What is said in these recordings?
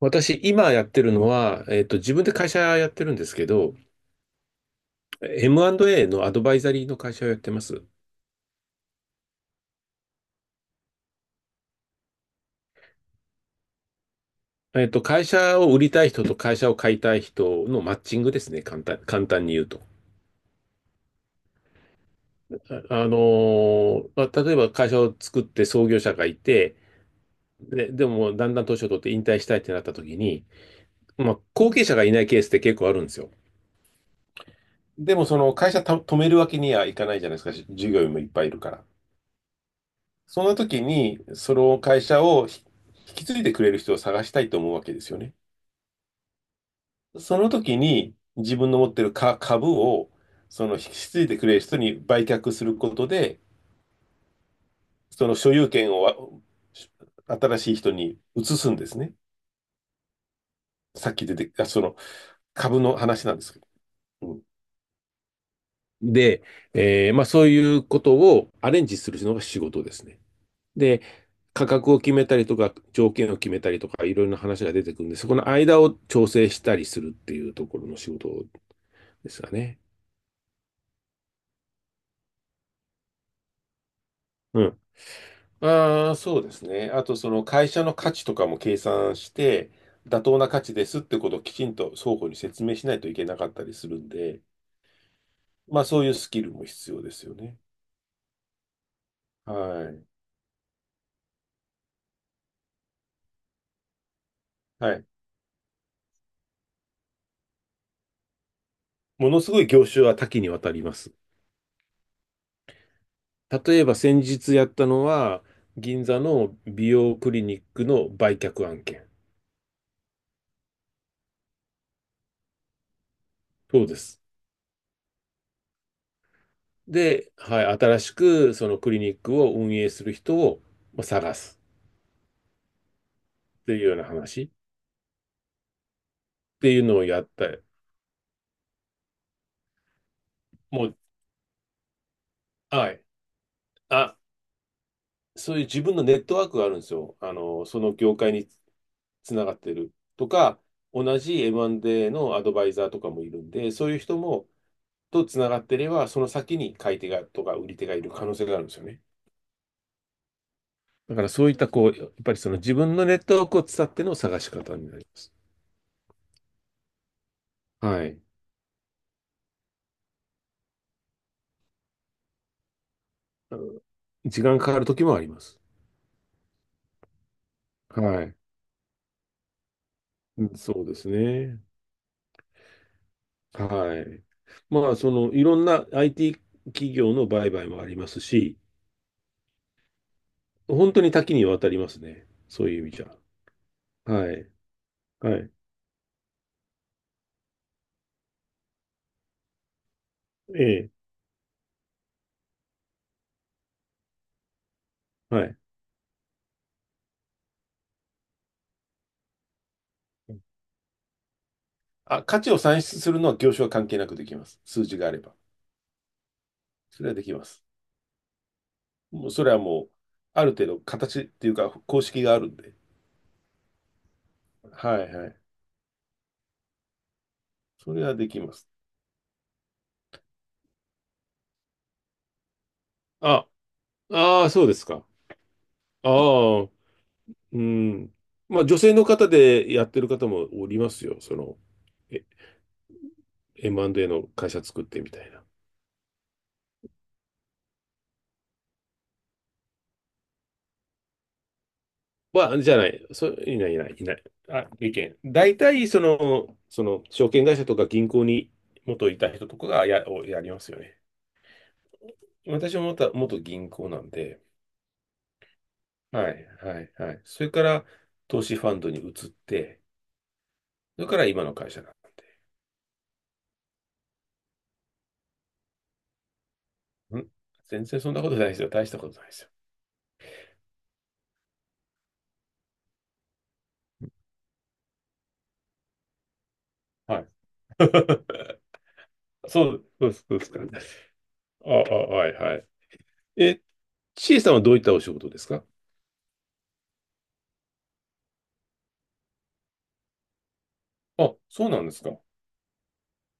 私、今やってるのは、自分で会社やってるんですけど、M&A のアドバイザリーの会社をやってます。会社を売りたい人と会社を買いたい人のマッチングですね、簡単に言うと。あ、まあ、例えば会社を作って創業者がいて、で、でもだんだん年を取って引退したいってなった時に、まあ、後継者がいないケースって結構あるんですよ。でもその会社た止めるわけにはいかないじゃないですか、従業員もいっぱいいるから。その時に、その会社を引き継いでくれる人を探したいと思うわけですよね。その時に、自分の持ってる株を、その引き継いでくれる人に売却することで、その所有権を新しい人に移すんですね。さっき出て、あ、その株の話なんですけど。うん。で、まあそういうことをアレンジするのが仕事ですね。で、価格を決めたりとか、条件を決めたりとか、いろいろな話が出てくるんで、そこの間を調整したりするっていうところの仕事ですかね。うん。ああ、そうですね。あと、その会社の価値とかも計算して、妥当な価値ですってことをきちんと双方に説明しないといけなかったりするんで、まあそういうスキルも必要ですよね。はい。はい。ものすごい業種は多岐にわたります。例えば先日やったのは、銀座の美容クリニックの売却案件。そうです。で、はい、新しくそのクリニックを運営する人をまあ探すっていうような話っていうのをやった、もう、はい。あ、そういう自分のネットワークがあるんですよ。あの、その業界につながってるとか、同じ M&A のアドバイザーとかもいるんで、そういう人もとつながってれば、その先に買い手がとか売り手がいる可能性があるんですよね。だからそういったこう、やっぱりその自分のネットワークを伝っての探し方になります。はい。あの時間かかる時もあります。はい。うん、そうですね。はい。まあ、その、いろんな IT 企業の売買もありますし、本当に多岐にわたりますね。そういう意味じゃ。はい。はい。ええ。はい。あ、価値を算出するのは業種は関係なくできます。数字があれば。それはできます。もうそれはもう、ある程度形っていうか公式があるんで。はいはい。それはできます。あ、ああ、そうですか。ああ、うん。まあ、女性の方でやってる方もおりますよ。その、え M&A の会社作ってみたいな。じゃない。いない、いない、いない。あ、意見。大体、その、証券会社とか銀行に元いた人とかがや、をやりますよね。私も元銀行なんで、はい、はい、はい。それから、投資ファンドに移って、それから今の会社なん。ん、全然そんなことないですよ。大したことないですよ。はい。そう、そうですそうですか。ああ、はいはい。え、ちえさんはどういったお仕事ですか？あ、そうなんですか。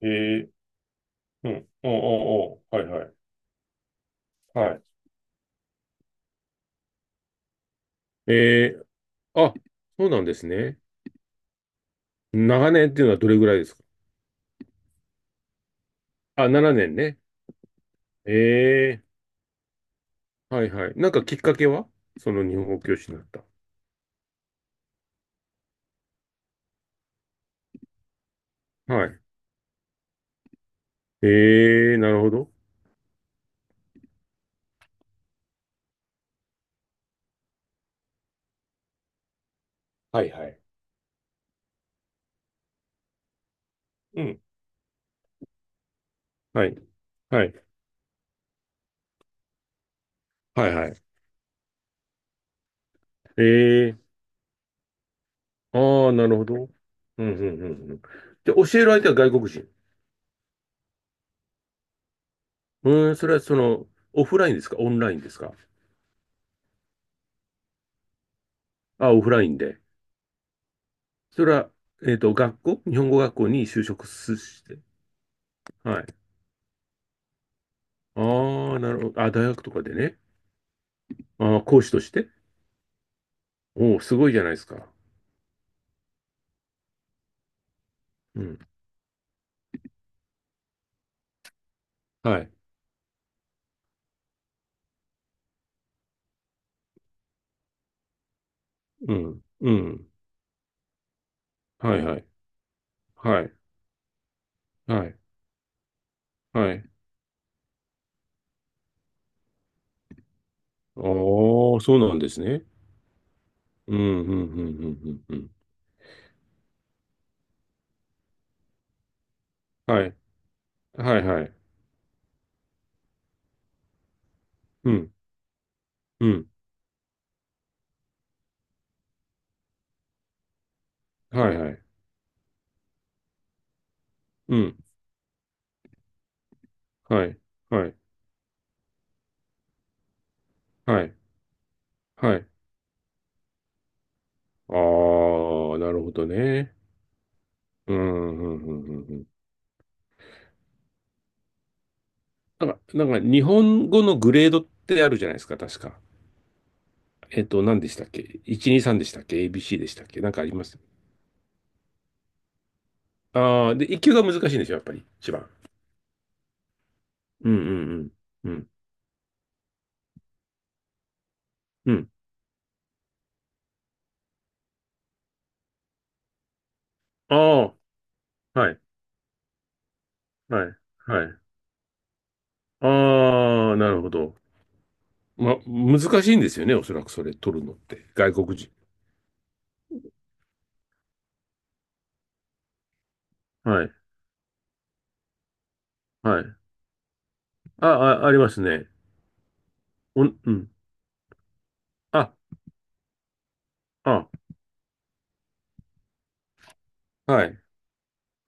ええ、うん。ああ、ああ、はいはい。はい。ええ、あ、そうなんですね。長年っていうのはどれぐらいですか？あ、7年ねんね。えー、はいはい。なんかきっかけは、その日本語教師になった。はい。えー、なるほど。はいはい。うん。はい。はい。はいはい。えー、ああ、なるほど。うんうんうんうん。で、教える相手は外国人。うーん、それはその、オフラインですか？オンラインですか？あ、オフラインで。それは、学校、日本語学校に就職すして。はい。ああ、なるほど。あ、大学とかでね。あー、講師として、おお、すごいじゃないですか。うん。はい。うん。うん。はいはい。はい。はい。はい。おお、そうなんですね。うん、うん、うん、うん、うん。うん。はい。はい、はい。うん、うん。はい、はい。うん。はい。はい。はい。はい。ああ、なるほどね。うん、うん、うん、うん。うん。なんか、なんか日本語のグレードってあるじゃないですか、確か。何でしたっけ？ 1、2、3でしたっけ？ ABC でしたっけ？なんかあります？ああー、で、1級が難しいんですよ、やっぱり、一番。うん、うん、うん、うん、うん。ああ、はい、はい、はい。ああ、なるほど。ま、難しいんですよね、おそらくそれ、取るのって。外国人。はい、はい。あ、あ、ありますね。おん、うん。あ、あ、はい。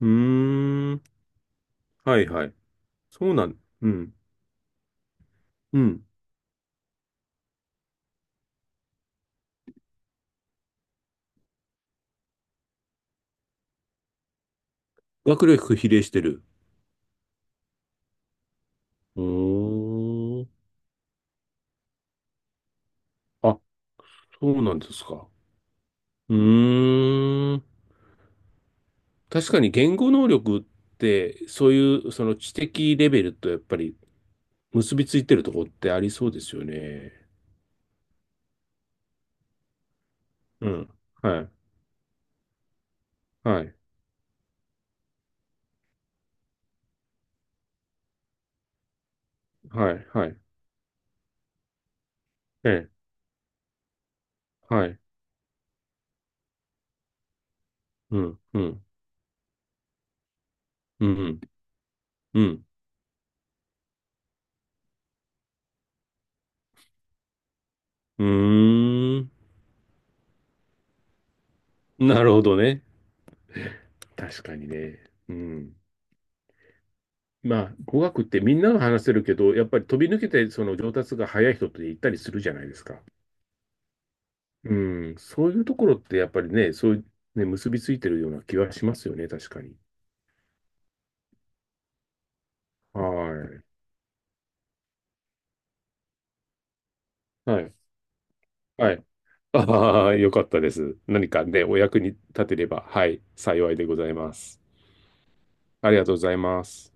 うーん、はい、はい。そうなん、うん、うん。学力比例してる。うーん。あ、そうなんですか。うーん。確かに言語能力って、そういうその知的レベルとやっぱり結びついてるところってありそうですよね。うん。はい。はい。はい。はい。ええ。はい。うん。うん。うん。うん。うーん。なるほどね。確かにね。うん。まあ、語学ってみんなが話せるけど、やっぱり飛び抜けてその上達が早い人って言ったりするじゃないですか。うん、そういうところってやっぱりね、そういう、ね、結びついてるような気はしますよね、確かに。はい。はい。はい。ああ、よかったです。何かね、お役に立てれば、はい、幸いでございます。ありがとうございます。